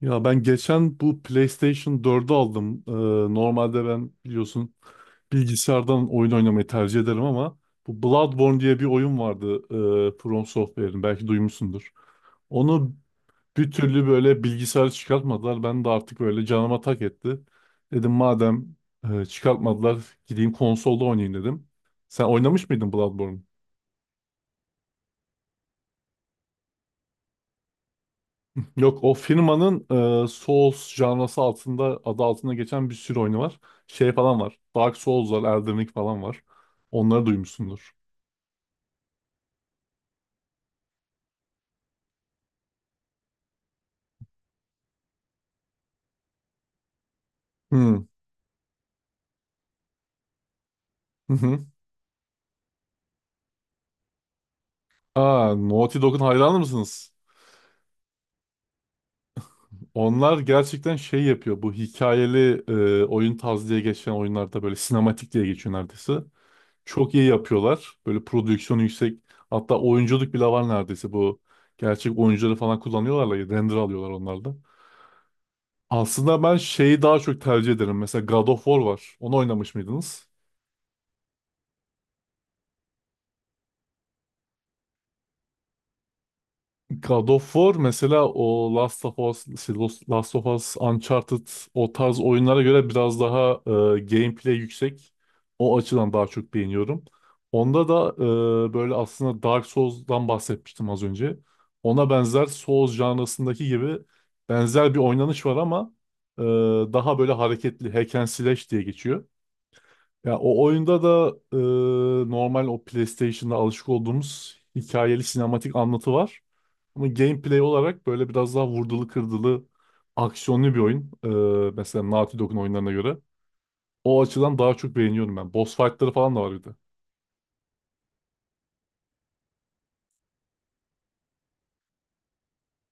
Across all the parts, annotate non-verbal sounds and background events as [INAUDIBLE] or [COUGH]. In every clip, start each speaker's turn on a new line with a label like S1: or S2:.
S1: Ya ben geçen bu PlayStation 4'ü aldım. Normalde ben biliyorsun bilgisayardan oyun oynamayı tercih ederim ama bu Bloodborne diye bir oyun vardı, From Software'in, belki duymuşsundur. Onu bir türlü böyle bilgisayarı çıkartmadılar. Ben de artık böyle canıma tak etti. Dedim madem çıkartmadılar gideyim konsolda oynayayım dedim. Sen oynamış mıydın Bloodborne? Yok o firmanın Souls janrası altında adı altında geçen bir sürü oyunu var. Şey falan var. Dark Souls var, Elden Ring falan var. Onları duymuşsundur. Hmm. Hı hı. Aa, Naughty Dog'un hayranı mısınız? Onlar gerçekten şey yapıyor. Bu hikayeli oyun tarzı diye geçen oyunlarda böyle sinematik diye geçiyor neredeyse. Çok iyi yapıyorlar. Böyle prodüksiyonu yüksek. Hatta oyunculuk bile var neredeyse bu. Gerçek oyuncuları falan kullanıyorlar. Render alıyorlar onlarda. Aslında ben şeyi daha çok tercih ederim. Mesela God of War var. Onu oynamış mıydınız? God of War mesela o Last of Us, şey, Last of Us, Uncharted o tarz oyunlara göre biraz daha gameplay yüksek. O açıdan daha çok beğeniyorum. Onda da böyle aslında Dark Souls'dan bahsetmiştim az önce. Ona benzer Souls janrasındaki gibi benzer bir oynanış var ama e, daha böyle hareketli hack and slash diye geçiyor. Ya o oyunda da normal o PlayStation'da alışık olduğumuz hikayeli sinematik anlatı var. Ama gameplay olarak böyle biraz daha vurdulu kırdılı aksiyonlu bir oyun. Mesela Naughty Dog'un oyunlarına göre. O açıdan daha çok beğeniyorum ben. Boss fight'ları falan da var bir de.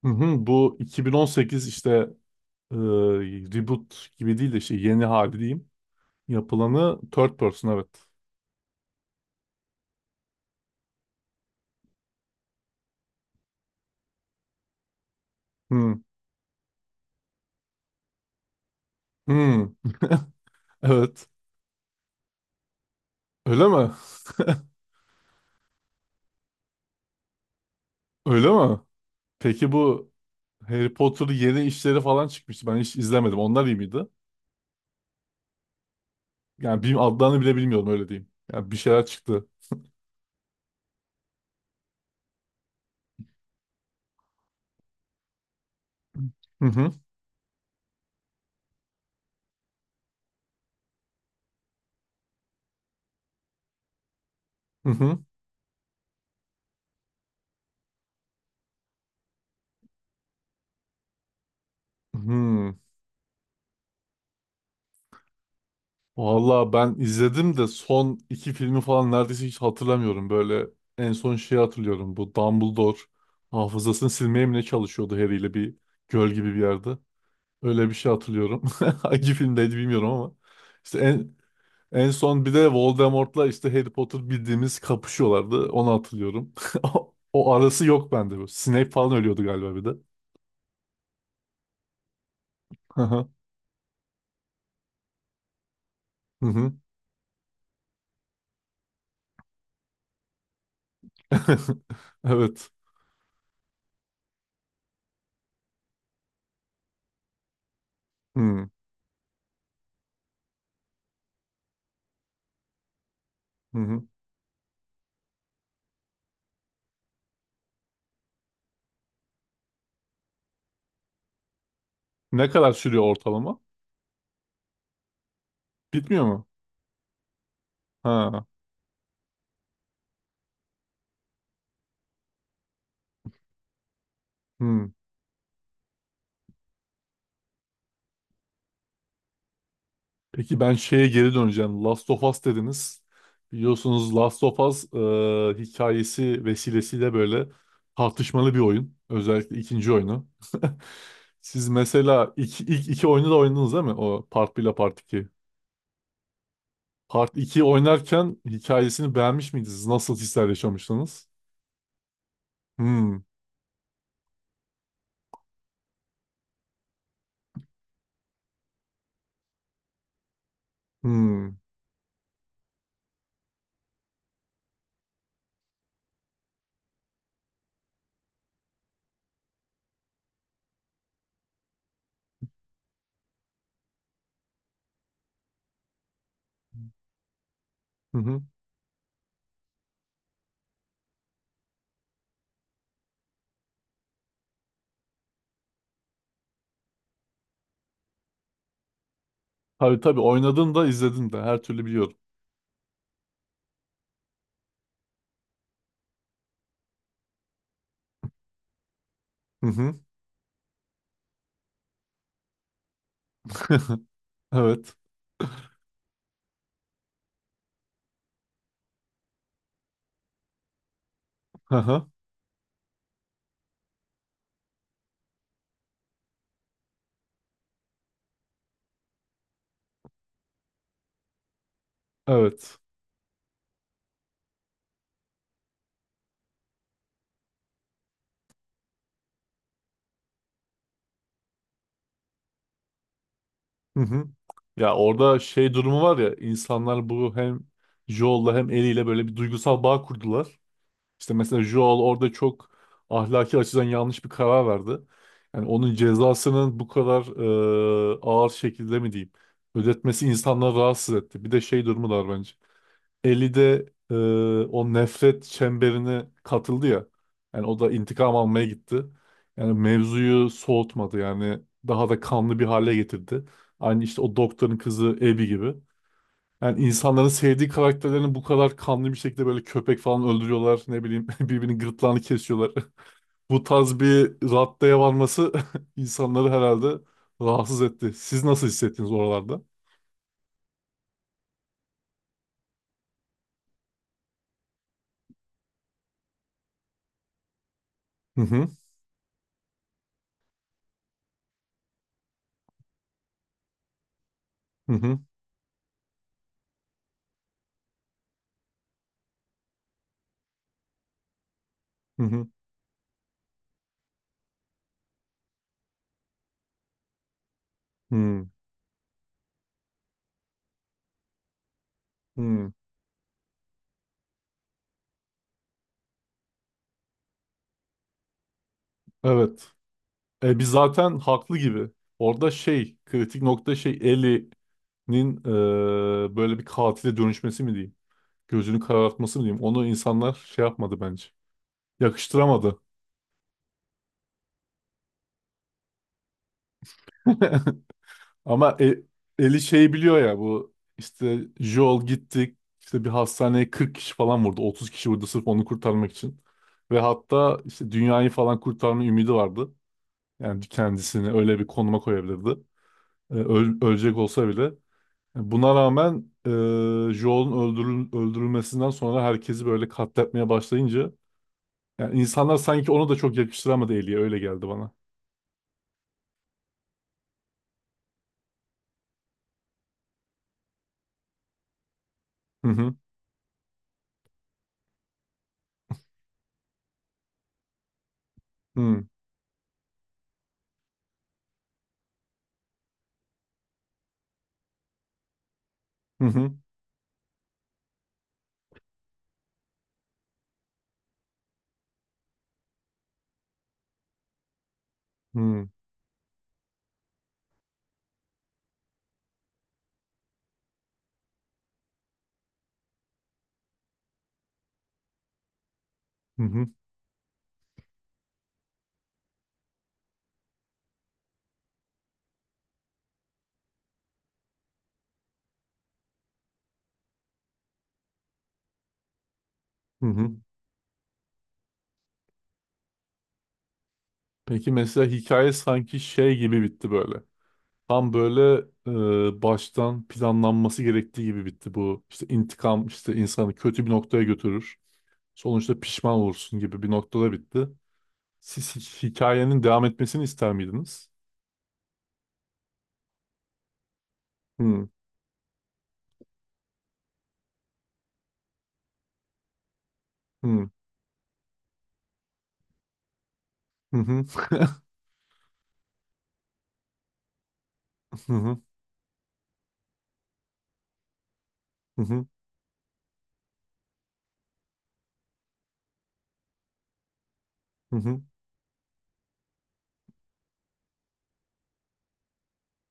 S1: Hı hı, bu 2018 işte e, reboot gibi değil de işte yeni hali diyeyim. Yapılanı third person evet. Hı, hı, evet. Öyle mi? Öyle mi? Peki bu Harry Potter'ın yeni işleri falan çıkmıştı. Ben hiç izlemedim. Onlar iyi miydi? Yani bir adlarını bile bilmiyorum öyle diyeyim. Yani bir şeyler çıktı. Hı hı. Hı hı. Hı. Valla ben izledim de son iki filmi falan neredeyse hiç hatırlamıyorum. Böyle en son şeyi hatırlıyorum. Bu Dumbledore hafızasını silmeye mi ne çalışıyordu Harry ile bir göl gibi bir yerde. Öyle bir şey hatırlıyorum. [LAUGHS] Hangi filmdeydi bilmiyorum ama. İşte En son bir de Voldemort'la işte Harry Potter bildiğimiz kapışıyorlardı. Onu hatırlıyorum. [LAUGHS] O arası yok bende bu. Snape falan ölüyordu galiba bir de. Hı hı. Hı hı. [LAUGHS] Evet. Hı hı. Hı. Ne kadar sürüyor ortalama? Bitmiyor mu? Ha. Hı. Peki ben şeye geri döneceğim. Last of Us dediniz. Biliyorsunuz Last of Us, hikayesi vesilesiyle böyle tartışmalı bir oyun. Özellikle ikinci oyunu. [LAUGHS] Siz mesela ilk iki oyunu da oynadınız değil mi? O Part 1 ile Part 2. Part 2'yi oynarken hikayesini beğenmiş miydiniz? Nasıl hisler yaşamıştınız? Hmm. Hmm. Hı hı. Tabii tabii oynadım da izledim de her türlü biliyorum. Hı hı. [LAUGHS] Evet. Hı hı. Evet. Hı hı. Ya orada şey durumu var ya, insanlar bu hem Joel'la hem Ellie'yle böyle bir duygusal bağ kurdular. İşte mesela Joel orada çok ahlaki açıdan yanlış bir karar verdi. Yani onun cezasının bu kadar ağır şekilde mi diyeyim ödetmesi insanları rahatsız etti. Bir de şey durumu da var bence. Eli de o nefret çemberine katıldı ya. Yani o da intikam almaya gitti. Yani mevzuyu soğutmadı yani daha da kanlı bir hale getirdi. Aynı işte o doktorun kızı Abby gibi. Yani insanların sevdiği karakterlerini bu kadar kanlı bir şekilde böyle köpek falan öldürüyorlar. Ne bileyim [LAUGHS] birbirinin gırtlağını kesiyorlar. [LAUGHS] Bu tarz bir raddeye varması [LAUGHS] insanları herhalde rahatsız etti. Siz nasıl hissettiniz oralarda? Hı hı. Hı hı. Hı hı. Hı. Hı. Evet. Biz zaten haklı gibi. Orada şey, kritik nokta şey Ellie'nin böyle bir katile dönüşmesi mi diyeyim? Gözünü karartması mı diyeyim? Onu insanlar şey yapmadı bence. Yakıştıramadı. [LAUGHS] Ama Ellie şeyi biliyor ya, bu işte Joel gitti işte bir hastaneye 40 kişi falan vurdu. 30 kişi vurdu sırf onu kurtarmak için. Ve hatta işte dünyayı falan kurtarma ümidi vardı. Yani kendisini öyle bir konuma koyabilirdi. Ölecek olsa bile. Buna rağmen Joel'un öldürülmesinden sonra herkesi böyle katletmeye başlayınca yani insanlar sanki onu da çok yakıştıramadı, Ellie'ye öyle geldi bana. Hı hı. Hı hı. Hı hı. Hı hı. Hı hı. Peki mesela hikaye sanki şey gibi bitti böyle. Tam böyle baştan planlanması gerektiği gibi bitti bu. İşte intikam işte insanı kötü bir noktaya götürür. Sonuçta pişman olursun gibi bir noktada bitti. Siz hikayenin devam etmesini ister miydiniz? Hı hı. Hı hı. [LAUGHS] Hı hı. Hı hı. Hı hı.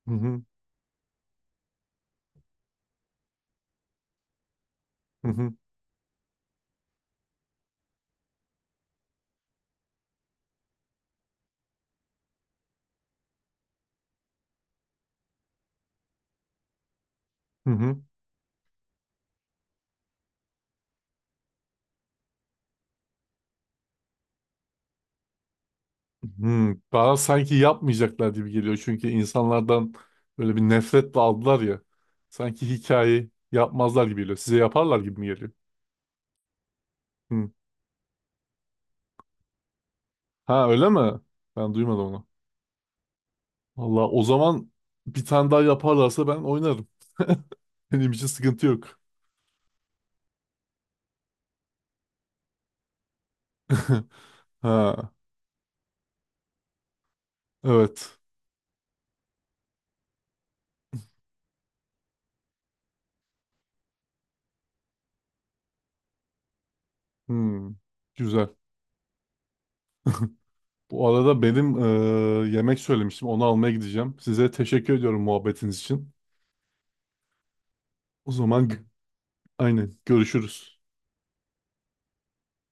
S1: Hı hı. Hı hı. Hı hı. Hı. Daha sanki yapmayacaklar gibi geliyor. Çünkü insanlardan böyle bir nefretle aldılar ya. Sanki hikayeyi yapmazlar gibi geliyor. Size yaparlar gibi mi geliyor? Hı. Ha, öyle mi? Ben duymadım onu. Valla o zaman bir tane daha yaparlarsa ben oynarım. [LAUGHS] Benim için sıkıntı yok. [LAUGHS] Ha, evet. Hmm. Güzel. Bu arada benim yemek söylemiştim. Onu almaya gideceğim. Size teşekkür ediyorum muhabbetiniz için. O zaman aynen görüşürüz.